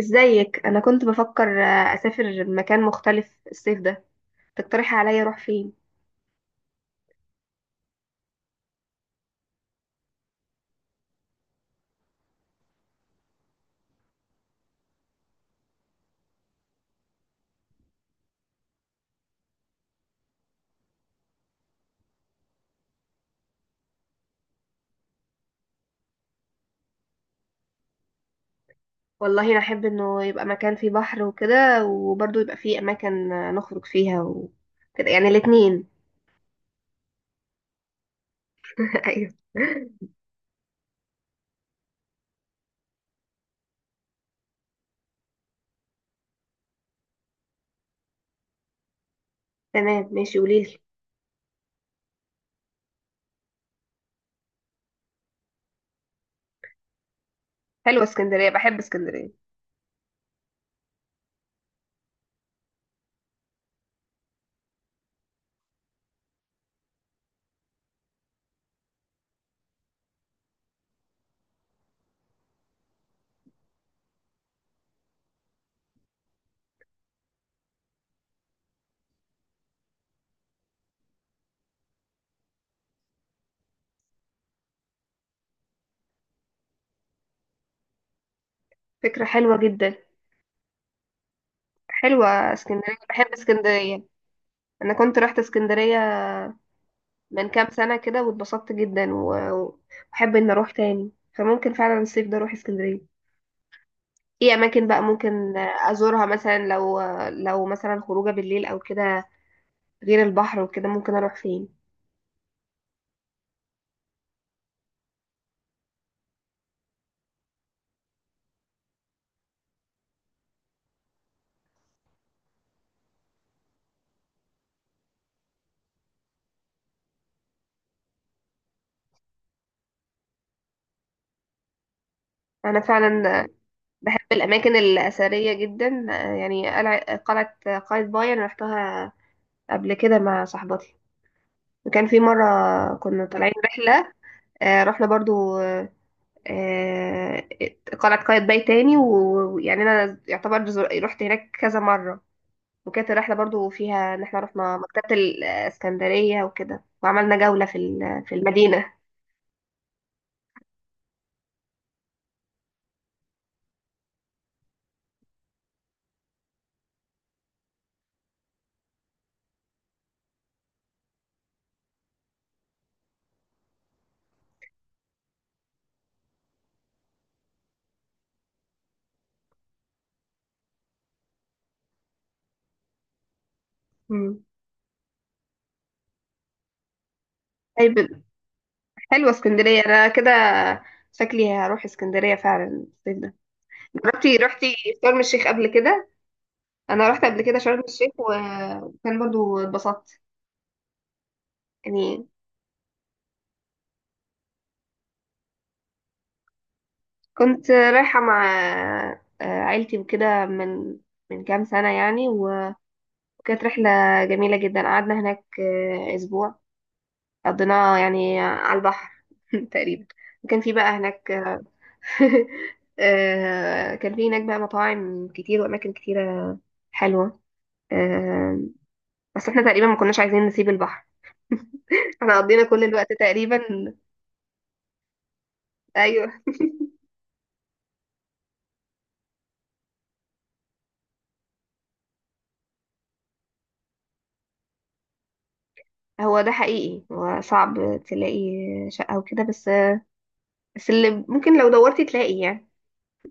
ازيك؟ انا كنت بفكر اسافر مكان مختلف الصيف ده. تقترح عليا اروح فين؟ والله انا احب انه يبقى مكان فيه بحر وكده، وبرضه يبقى فيه اماكن نخرج فيها وكده، يعني الاتنين. ايوه، تمام، ماشي، قوليلي. حلوه اسكندريه، بحب اسكندريه. فكره حلوه جدا. حلوه اسكندريه، بحب اسكندريه. انا كنت رحت اسكندريه من كام سنه كده واتبسطت جدا واحب ان اروح تاني، فممكن فعلا الصيف ده اروح اسكندريه. ايه اماكن بقى ممكن ازورها مثلا؟ لو مثلا خروجه بالليل او كده، غير البحر وكده ممكن اروح فين؟ انا فعلا بحب الاماكن الاثريه جدا. يعني قلعه قايتباي انا رحتها قبل كده مع صاحبتي. وكان في مره كنا طالعين رحله، رحنا برضو آه، قلعه قايتباي تاني ويعني انا يعتبر رحت هناك كذا مره. وكانت الرحلة برضو فيها ان احنا رحنا مكتبة الاسكندرية وكده، وعملنا جولة في المدينة. مم. طيب، حلوة اسكندرية، انا كده شكلي هروح اسكندرية فعلا الصيف ده. جربتي، رحتي شرم الشيخ قبل كده؟ انا رحت قبل كده شرم الشيخ وكان برضو اتبسطت يعني. كنت رايحة مع عيلتي وكده، من كام سنة يعني، وكانت رحلة جميلة جدا، قعدنا هناك أسبوع، قضيناه يعني على البحر. تقريبا. وكان في بقى هناك. كان في هناك بقى مطاعم كتير وأماكن كتيرة حلوة. آه، بس احنا تقريبا ما كناش عايزين نسيب البحر. احنا قضينا كل الوقت تقريبا. ايوه. هو ده حقيقي، هو صعب تلاقي شقة وكده، بس اللي ممكن لو دورتي تلاقي يعني.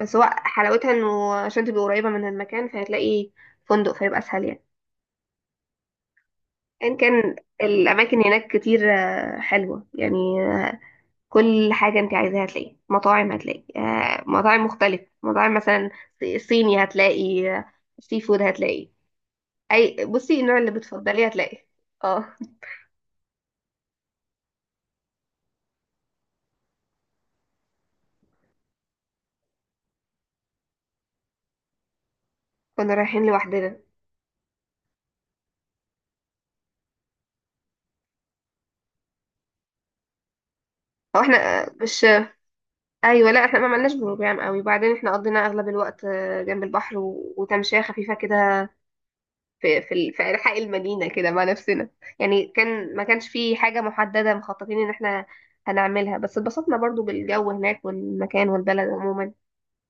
بس هو حلاوتها انه عشان تبقي قريبة من المكان، فهتلاقي فندق فيبقى اسهل يعني. ان كان الاماكن هناك كتير حلوة يعني. كل حاجة انت عايزاها هتلاقي، مطاعم هتلاقي مطاعم مختلفة، مطاعم مثلا صيني هتلاقي. سي فود هتلاقي. اي بصي، النوع اللي بتفضليه هتلاقي. اه. كنا رايحين لوحدنا. هو احنا آه، مش ايوه، لا احنا ما عملناش بروجرام قوي، بعدين احنا قضينا اغلب الوقت جنب البحر وتمشية خفيفة كده، في في انحاء المدينة كده مع نفسنا. يعني كان ما كانش في حاجة محددة مخططين ان احنا هنعملها، بس اتبسطنا برضو بالجو هناك والمكان والبلد عموما.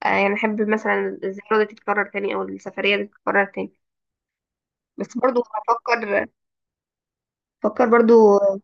يعني احب مثلا الزيارة دي تتكرر تاني، او السفرية دي تتكرر تاني. بس برضو افكر افكر برضو.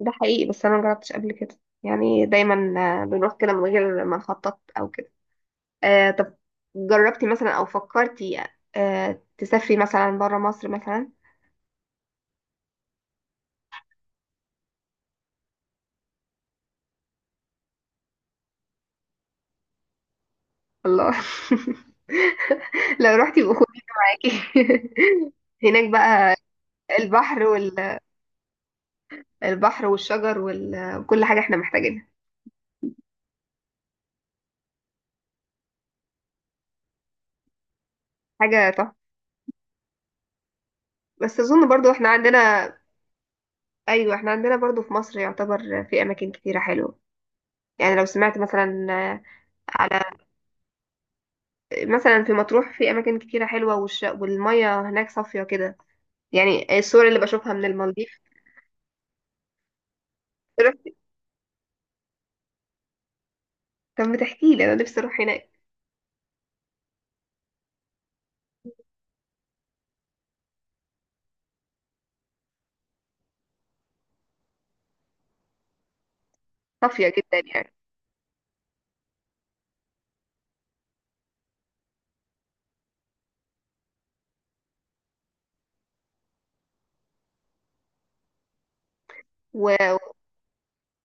ده حقيقي، بس انا مجربتش قبل كده يعني، دايما بنروح كده من غير ما نخطط او كده. آه، طب جربتي مثلا او فكرتي، تسافري مثلا برا مصر مثلا؟ الله! لو رحتي يبقى خد معاكي. هناك بقى البحر وال... البحر والشجر وكل حاجة احنا محتاجينها. حاجة تحفة. بس اظن برضو احنا عندنا. ايوه، احنا عندنا برضو في مصر يعتبر في اماكن كتيره حلوه. يعني لو سمعت مثلا، على، مثلا في مطروح في اماكن كتيره حلوه، والميه هناك صافيه كده. يعني الصور اللي بشوفها من المالديف. رحت. طب ما تحكي لي، انا نفسي اروح هناك. صافيه جدا يعني. و...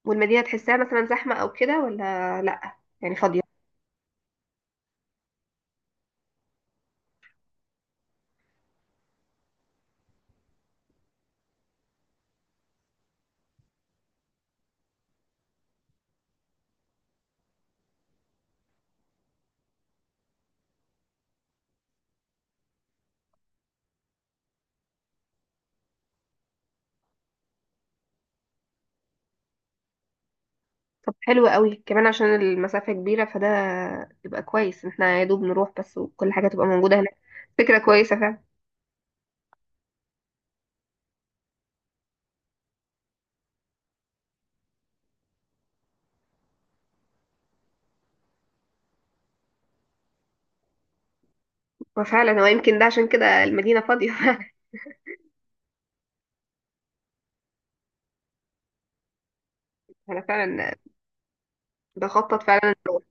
والمدينه تحسها مثلا زحمه او كده، ولا لا؟ يعني فاضيه. طب، حلو قوي كمان عشان المسافه كبيره فده، يبقى كويس، احنا يا دوب نروح بس وكل حاجه تبقى موجوده هناك. فكره كويسه فعلا. وفعلا هو يمكن ده عشان كده المدينه فاضيه. انا فعلا بخطط فعلا إن أروح.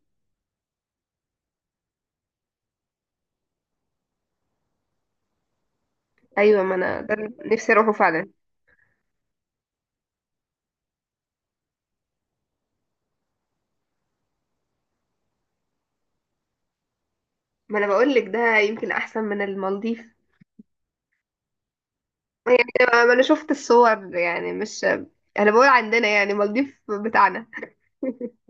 ايوه، ما انا ده اللي نفسي اروحه فعلا. ما انا بقول لك ده يمكن احسن من المالديف. ما انا شفت الصور يعني، مش انا بقول عندنا يعني المالديف بتاعنا.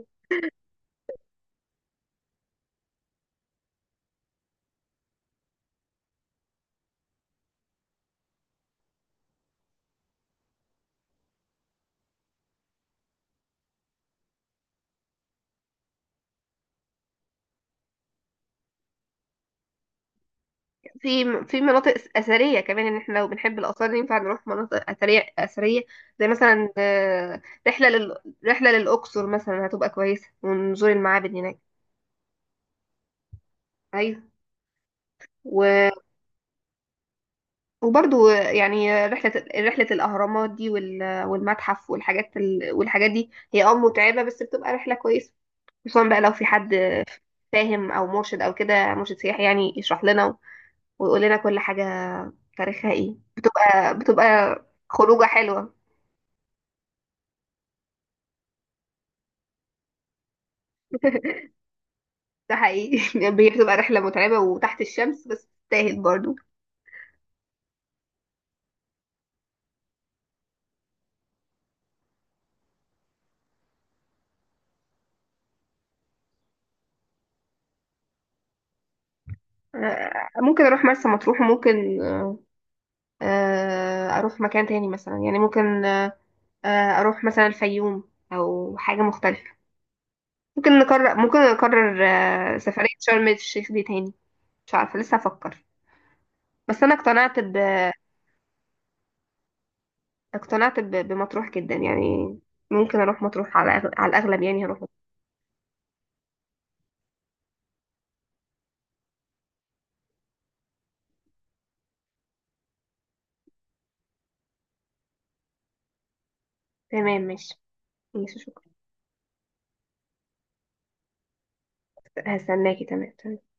في مناطق اثريه كمان، ان احنا لو بنحب الاثار ينفع نروح مناطق اثريه اثريه. زي مثلا رحله لل... رحله للاقصر مثلا هتبقى كويسه، ونزور المعابد هناك. ايوه. و... وبرضو يعني رحلة الأهرامات دي والمتحف والحاجات والحاجات دي هي متعبة، بس بتبقى رحلة كويسة. خصوصا بقى لو في حد فاهم أو مرشد أو كده، مرشد سياحي يعني يشرح لنا ويقول لنا كل حاجة تاريخها ايه، بتبقى خروجة حلوة. ده حقيقي. بتبقى رحلة متعبة وتحت الشمس، بس تستاهل برضو. ممكن أروح مرسى مطروح، وممكن أروح مكان تاني مثلا يعني، ممكن أروح مثلا الفيوم أو حاجة مختلفة. ممكن نكرر سفرية شرم الشيخ دي تاني. مش عارفة، لسه هفكر. بس أنا بمطروح جدا يعني. ممكن أروح مطروح على الأغلب، يعني هروح مطروح. تمام، ماشي، ماشي، شكرا. هستناكي. تمام، تمام.